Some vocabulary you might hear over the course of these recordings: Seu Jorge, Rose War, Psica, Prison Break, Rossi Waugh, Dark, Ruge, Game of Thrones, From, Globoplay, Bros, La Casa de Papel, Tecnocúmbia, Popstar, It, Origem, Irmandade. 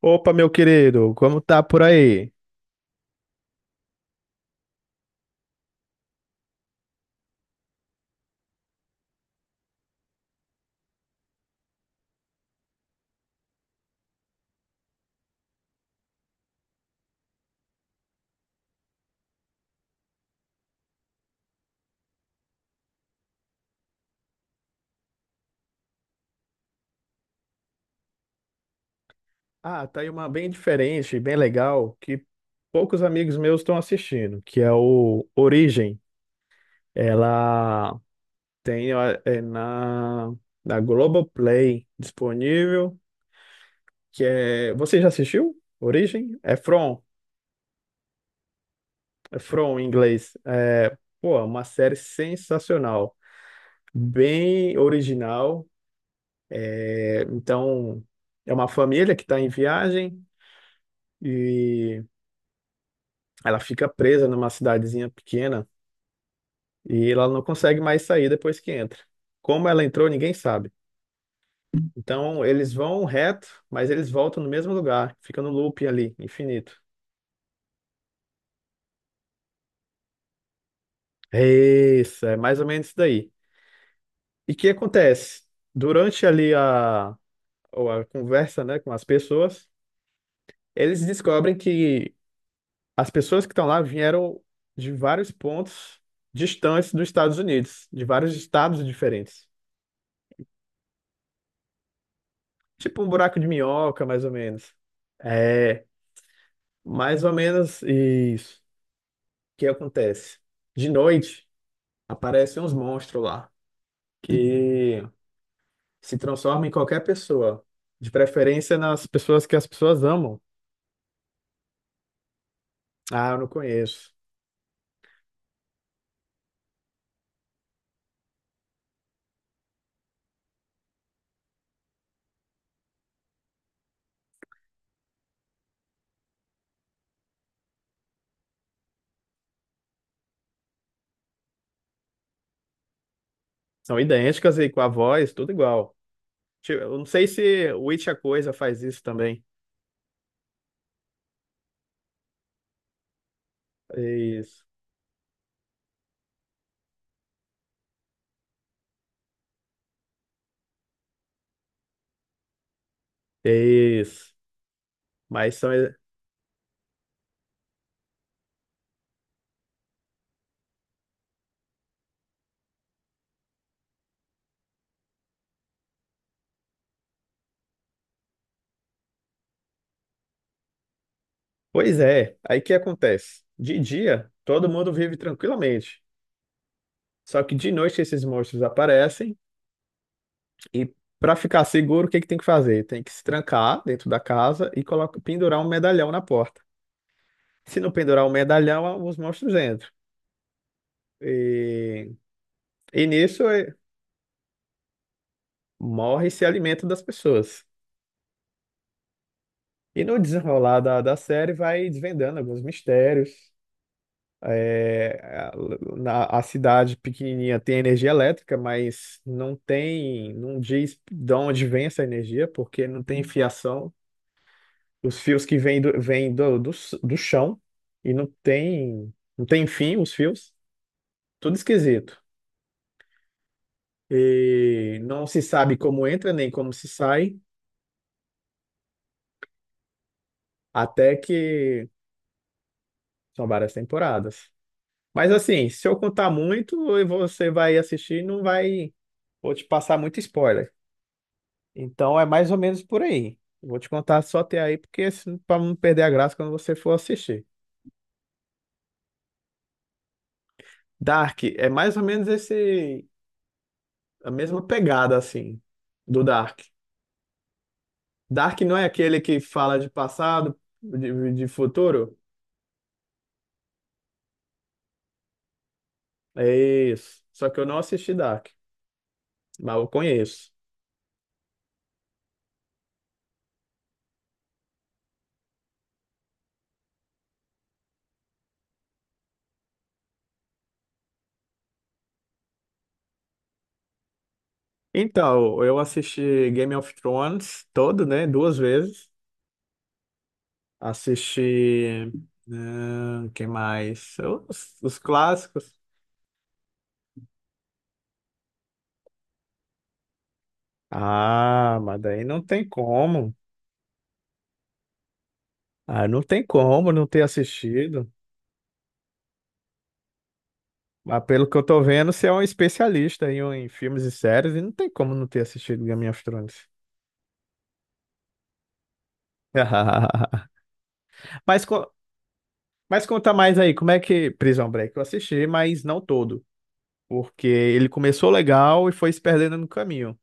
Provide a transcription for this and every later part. Opa, meu querido, como tá por aí? Ah, tá aí uma bem diferente, bem legal, que poucos amigos meus estão assistindo, que é o Origem. Ela tem ó, é na Globoplay disponível, que é... Você já assistiu? Origem? É From em inglês. É, pô, é uma série sensacional, bem original. É, então, é uma família que está em viagem e ela fica presa numa cidadezinha pequena e ela não consegue mais sair depois que entra. Como ela entrou, ninguém sabe. Então eles vão reto, mas eles voltam no mesmo lugar, fica no loop ali, infinito. É isso, é mais ou menos isso daí. E o que acontece? Durante ali a, ou a conversa, né, com as pessoas, eles descobrem que as pessoas que estão lá vieram de vários pontos distantes dos Estados Unidos, de vários estados diferentes. Tipo um buraco de minhoca, mais ou menos. É, mais ou menos isso. O que acontece? De noite, aparecem uns monstros lá que se transformam em qualquer pessoa. De preferência nas pessoas que as pessoas amam. Ah, eu não conheço. São idênticas e com a voz, tudo igual. Tipo, eu não sei se o It a Coisa faz isso também. Isso. Isso. Mas são. Pois é. Aí o que acontece? De dia, todo mundo vive tranquilamente. Só que de noite esses monstros aparecem e, para ficar seguro, o que que tem que fazer? Tem que se trancar dentro da casa e coloca, pendurar um medalhão na porta. Se não pendurar um medalhão, os monstros entram. E, e nisso morre e se alimenta das pessoas. E no desenrolar da série vai desvendando alguns mistérios. É a, a cidade pequenininha tem energia elétrica, mas não tem, não diz de onde vem essa energia, porque não tem fiação. Os fios que vêm do chão e não tem, não tem fim, os fios. Tudo esquisito. E não se sabe como entra nem como se sai, até que são várias temporadas. Mas assim, se eu contar muito, e você vai assistir, e não vai. Vou te passar muito spoiler. Então é mais ou menos por aí. Vou te contar só até aí, porque para não perder a graça quando você for assistir. Dark é mais ou menos esse, a mesma pegada assim do Dark. Dark não é aquele que fala de passado, de futuro? É isso. Só que eu não assisti Dark, mas eu conheço. Então, eu assisti Game of Thrones todo, né? Duas vezes. Assisti. Ah, quem mais? Os clássicos. Ah, mas daí não tem como. Ah, não tem como não ter assistido. Mas pelo que eu tô vendo, você é um especialista em filmes e séries, e não tem como não ter assistido Game of Thrones. Mas, co- mas conta mais aí, como é que Prison Break? Eu assisti, mas não todo. Porque ele começou legal e foi se perdendo no caminho.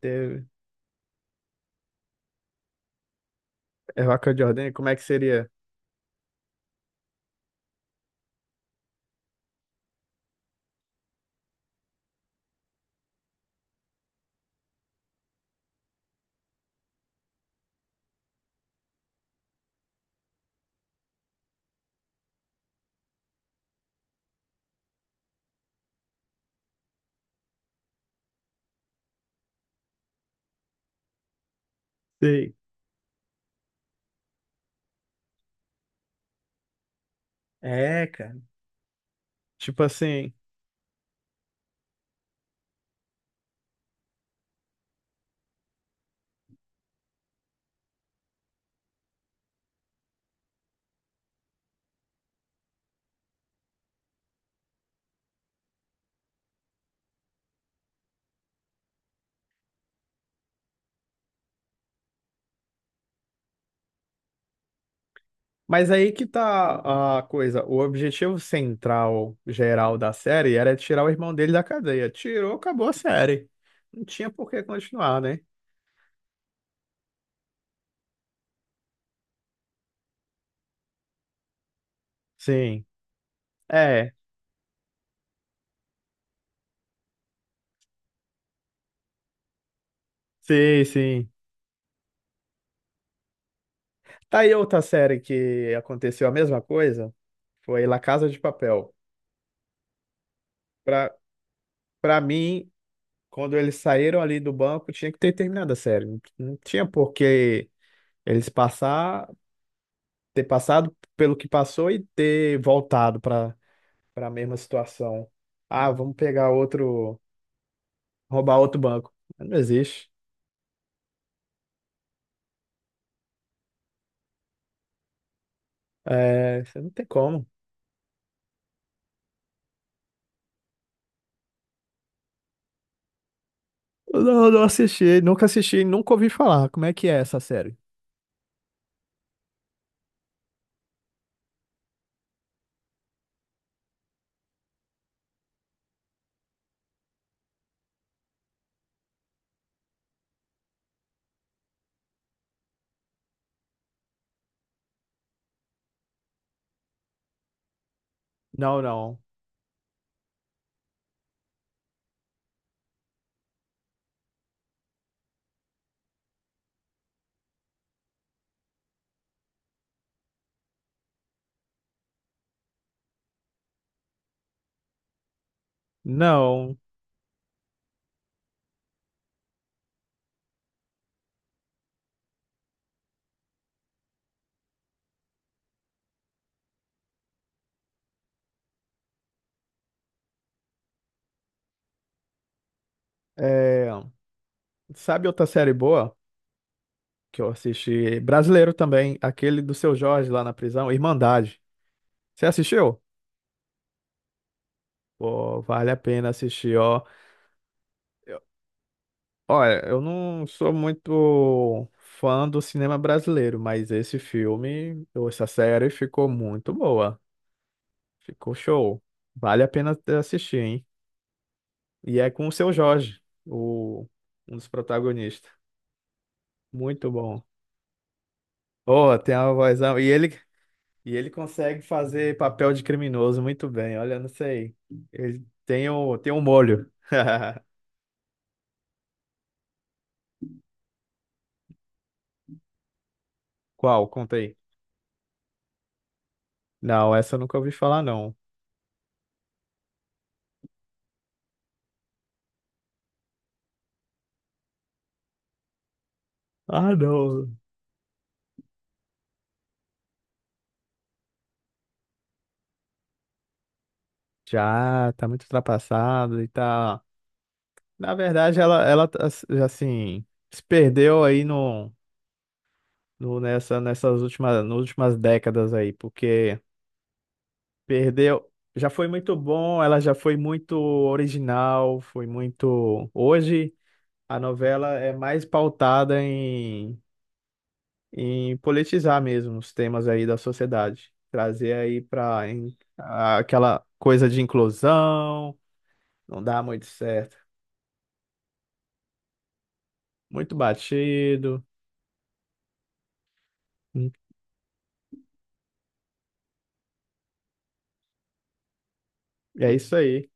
Teve é vaca de ordem, como é que seria? Sei. É, cara. Tipo assim. Mas aí que tá a coisa. O objetivo central, geral da série era tirar o irmão dele da cadeia. Tirou, acabou a série. Não tinha por que continuar, né? Sim. É. Sim, sim. Tá aí outra série que aconteceu a mesma coisa. Foi La Casa de Papel. Pra, pra mim, quando eles saíram ali do banco, tinha que ter terminado a série. Não, não tinha por que eles passar, ter passado pelo que passou e ter voltado pra para a mesma situação. Ah, vamos pegar outro, roubar outro banco. Não existe. É, você não tem como. Não, não assisti, nunca assisti, nunca ouvi falar. Como é que é essa série? Não, não. Não. É, sabe outra série boa? Que eu assisti. Brasileiro também, aquele do Seu Jorge lá na prisão, Irmandade. Você assistiu? Pô, vale a pena assistir, ó. Eu- olha, eu não sou muito fã do cinema brasileiro, mas esse filme, ou essa série ficou muito boa. Ficou show. Vale a pena assistir, hein? E é com o Seu Jorge, o, um dos protagonistas. Muito bom. Pô, tem uma vozão. E ele consegue fazer papel de criminoso muito bem. Olha, não sei. Tem um molho. Qual? Conta aí. Não, essa eu nunca ouvi falar, não. Ah, não. Já tá muito ultrapassado e tá. Na verdade, ela tá, assim, se perdeu aí no, no, nessa, nas últimas décadas aí, porque perdeu. Já foi muito bom, ela já foi muito original, foi muito. Hoje. A novela é mais pautada em politizar mesmo os temas aí da sociedade. Trazer aí para aquela coisa de inclusão, não dá muito certo. Muito batido. Hum. É isso aí.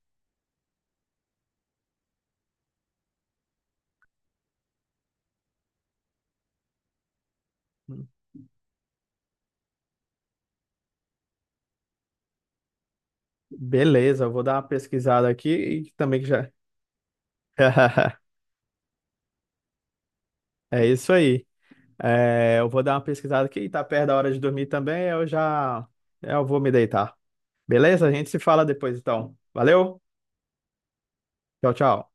Hum. Beleza, eu vou dar uma pesquisada aqui e também que já. É isso aí. É, eu vou dar uma pesquisada aqui, tá perto da hora de dormir também, eu já eu vou me deitar. Beleza? A gente se fala depois então. Valeu? Tchau, tchau.